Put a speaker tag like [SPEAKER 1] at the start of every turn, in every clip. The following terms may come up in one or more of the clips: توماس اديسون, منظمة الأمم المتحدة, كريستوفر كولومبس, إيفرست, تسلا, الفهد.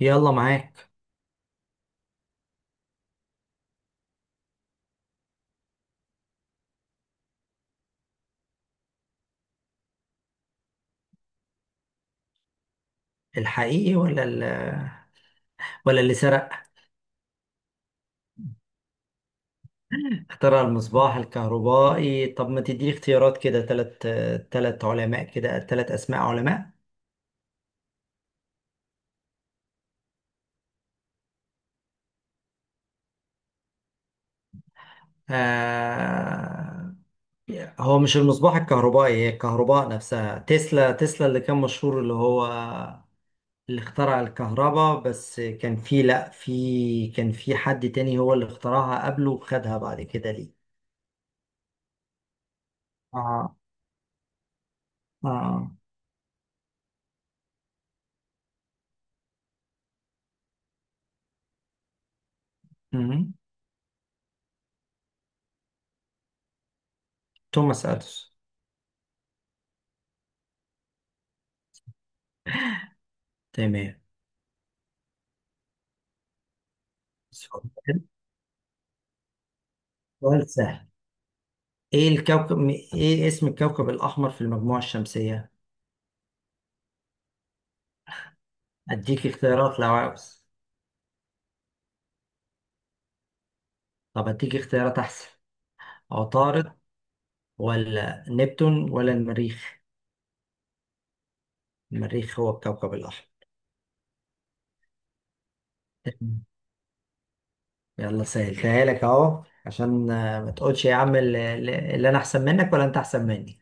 [SPEAKER 1] يلا معاك. الحقيقي ولا ولا اللي سرق. اخترع المصباح الكهربائي، طب ما تديني اختيارات كده تلات علماء، كده تلات اسماء علماء. آه... هو مش المصباح الكهربائي، هي الكهرباء نفسها. تسلا اللي كان مشهور، اللي هو اللي اخترع الكهرباء، بس كان في لا في كان في حد تاني هو اللي اخترعها قبله وخدها بعد كده ليه. اه اه. مم. توماس اديسون. تمام. سؤال سهل. ايه اسم الكوكب الاحمر في المجموعة الشمسية؟ اديك اختيارات لو عاوز. طب اديك اختيارات احسن. عطارد ولا نبتون ولا المريخ؟ المريخ هو الكوكب الاحمر. يلا سهلتها لك اهو، عشان ما تقولش يا عم اللي، انا احسن منك ولا انت احسن مني.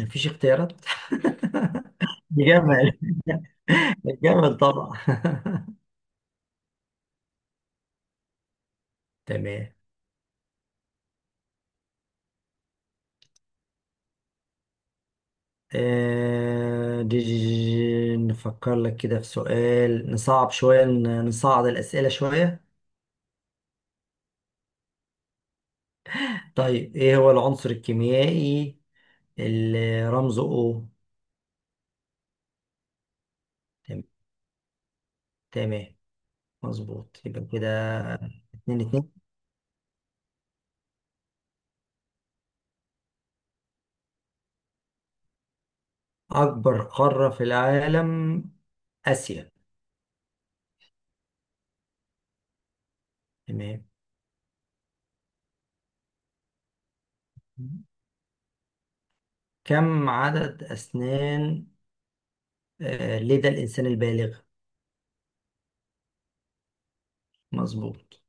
[SPEAKER 1] مفيش اختيارات. جمل. جمل طبعا. تمام. آه، دي- دي- نفكر لك كده في سؤال نصعب شوية، نصعد الأسئلة شوية. طيب، إيه هو العنصر الكيميائي اللي رمزه O؟ تم- تمام، مظبوط، يبقى كده 2-2. أكبر قارة في العالم؟ آسيا. تمام. كم عدد أسنان لدى الإنسان البالغ؟ مظبوط.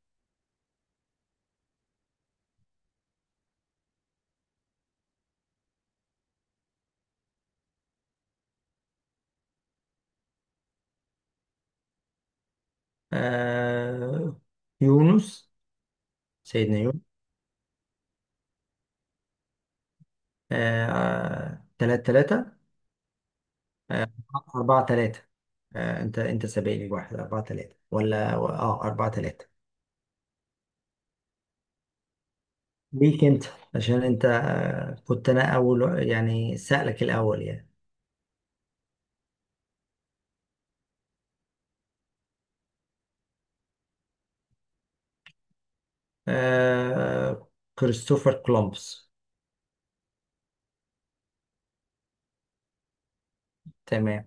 [SPEAKER 1] آه، يونس. سيدنا. 3-3. 4-3. أنت سابقني بواحد، 4-3، ولا 4-3؟ ليك أنت، عشان أنت كنت أنا أول يعني، سألك الأول يعني. آه... كريستوفر كولومبس. تمام.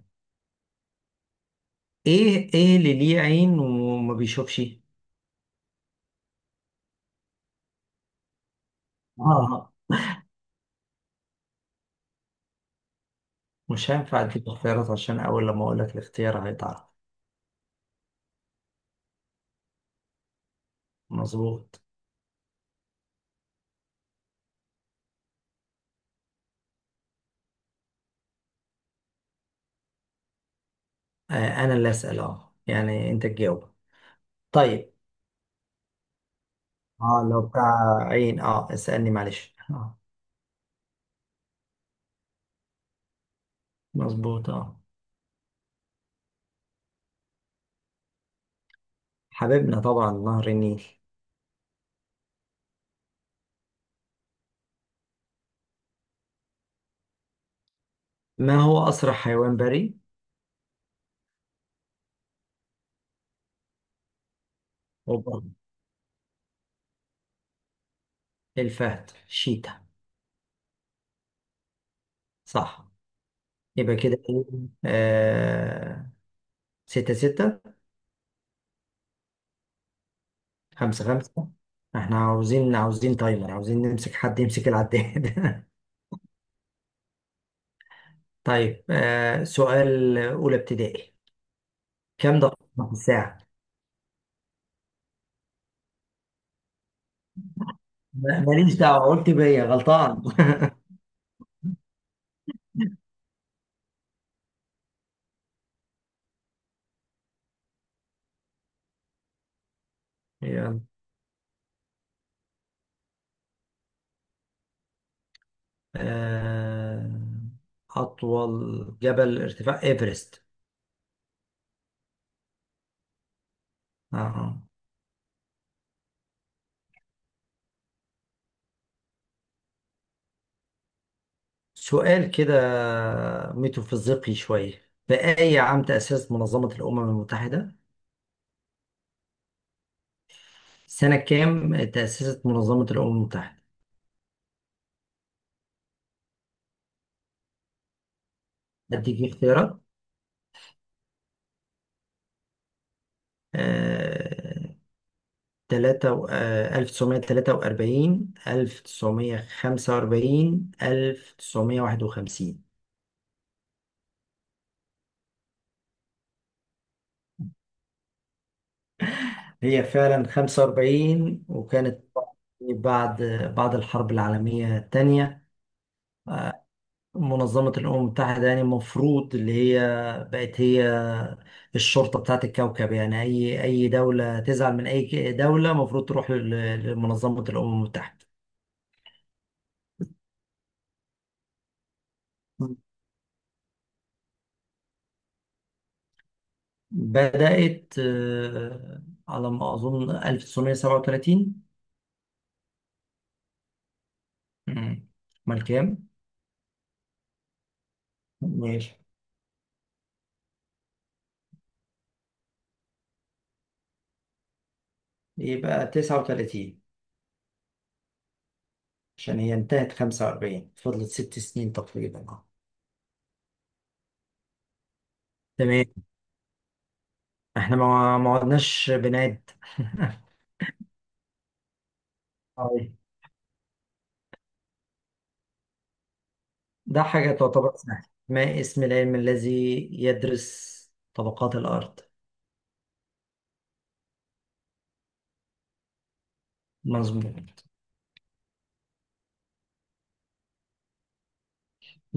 [SPEAKER 1] إيه اللي ليه عين وما بيشوفش؟ آه مش هينفع أديك اختيارات عشان أول لما أقول لك الاختيار هيتعرف. مظبوط. آه، أنا اللي أسأل، يعني أنت تجاوب. طيب، اه لو بتاع عين، اسألني معلش اه. مظبوط اه. حبيبنا طبعا نهر النيل. ما هو أسرع حيوان بري؟ أوبا. الفهد شيتا، صح. يبقى كده ايه، آه 6-6. 5-5. احنا عاوزين تايمر، عاوزين نمسك حد يمسك العداد. طيب، سؤال أولى ابتدائي. كم دقيقة في الساعة؟ ماليش دعوة، قلت بيا غلطان. يلا. آه، أطول جبل ارتفاع إيفرست. آه. سؤال كده ميتافيزيقي شوية، في أي عام تأسست منظمة الأمم المتحدة؟ سنة كام تأسست منظمة الأمم المتحدة؟ أديك اختيارات. آه، تلاتة و- آه، 1943، 1945، 1951. هي فعلا 45، وكانت بعد بعد الحرب العالمية الثانية. منظمة الأمم المتحدة يعني المفروض اللي هي بقت هي الشرطة بتاعت الكوكب، يعني أي دولة تزعل من أي دولة المفروض تروح لمنظمة الأمم المتحدة. بدأت على ما أظن 1937. مم. أمال كام؟ ماشي. يبقى 39، عشان هي انتهت 45، فضلت 6 سنين تقريبا اه. تمام. احنا ما عدناش بنعد. طيب. ده حاجة تعتبر سهلة. ما اسم العلم الذي يدرس طبقات الأرض؟ مظبوط.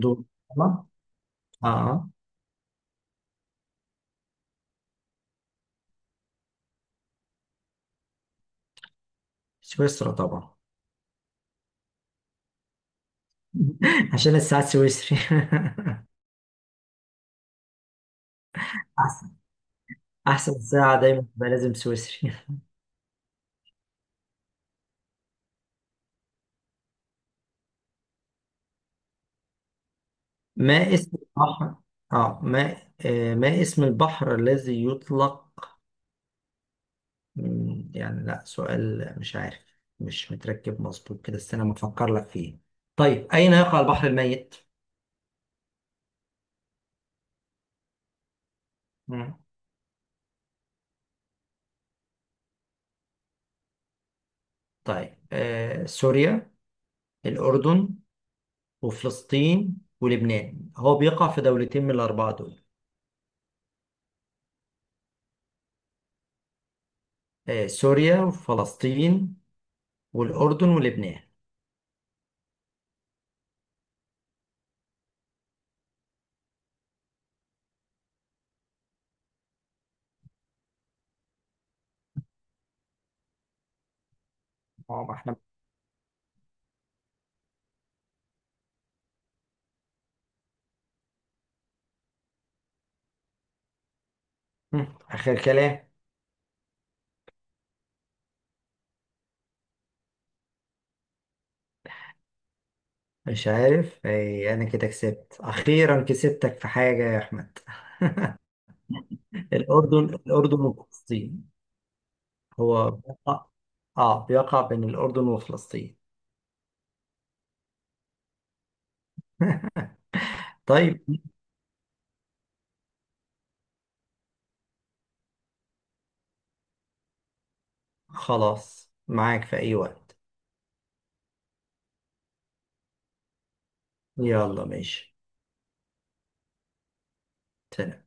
[SPEAKER 1] دول. تمام. اه، سويسرا طبعا. عشان الساعة السويسري. أحسن، أحسن ساعة دايما تبقى لازم سويسري. ما اسم البحر اه ما ما اسم البحر الذي يطلق. يعني لا، سؤال مش عارف، مش متركب مظبوط كده، استنى ما افكر لك فيه. طيب، اين يقع البحر الميت؟ مم. طيب، سوريا، الاردن، وفلسطين، ولبنان. هو بيقع في دولتين من الاربعه دول. سوريا وفلسطين والاردن ولبنان. اه ما احنا اخر كلام. مش عارف. انا كده كسبت اخيرا كسبتك في حاجه يا احمد. الاردن وفلسطين. هو اه بيقع بين الأردن وفلسطين. طيب، خلاص، معاك في أي وقت. يلا ماشي. سلام.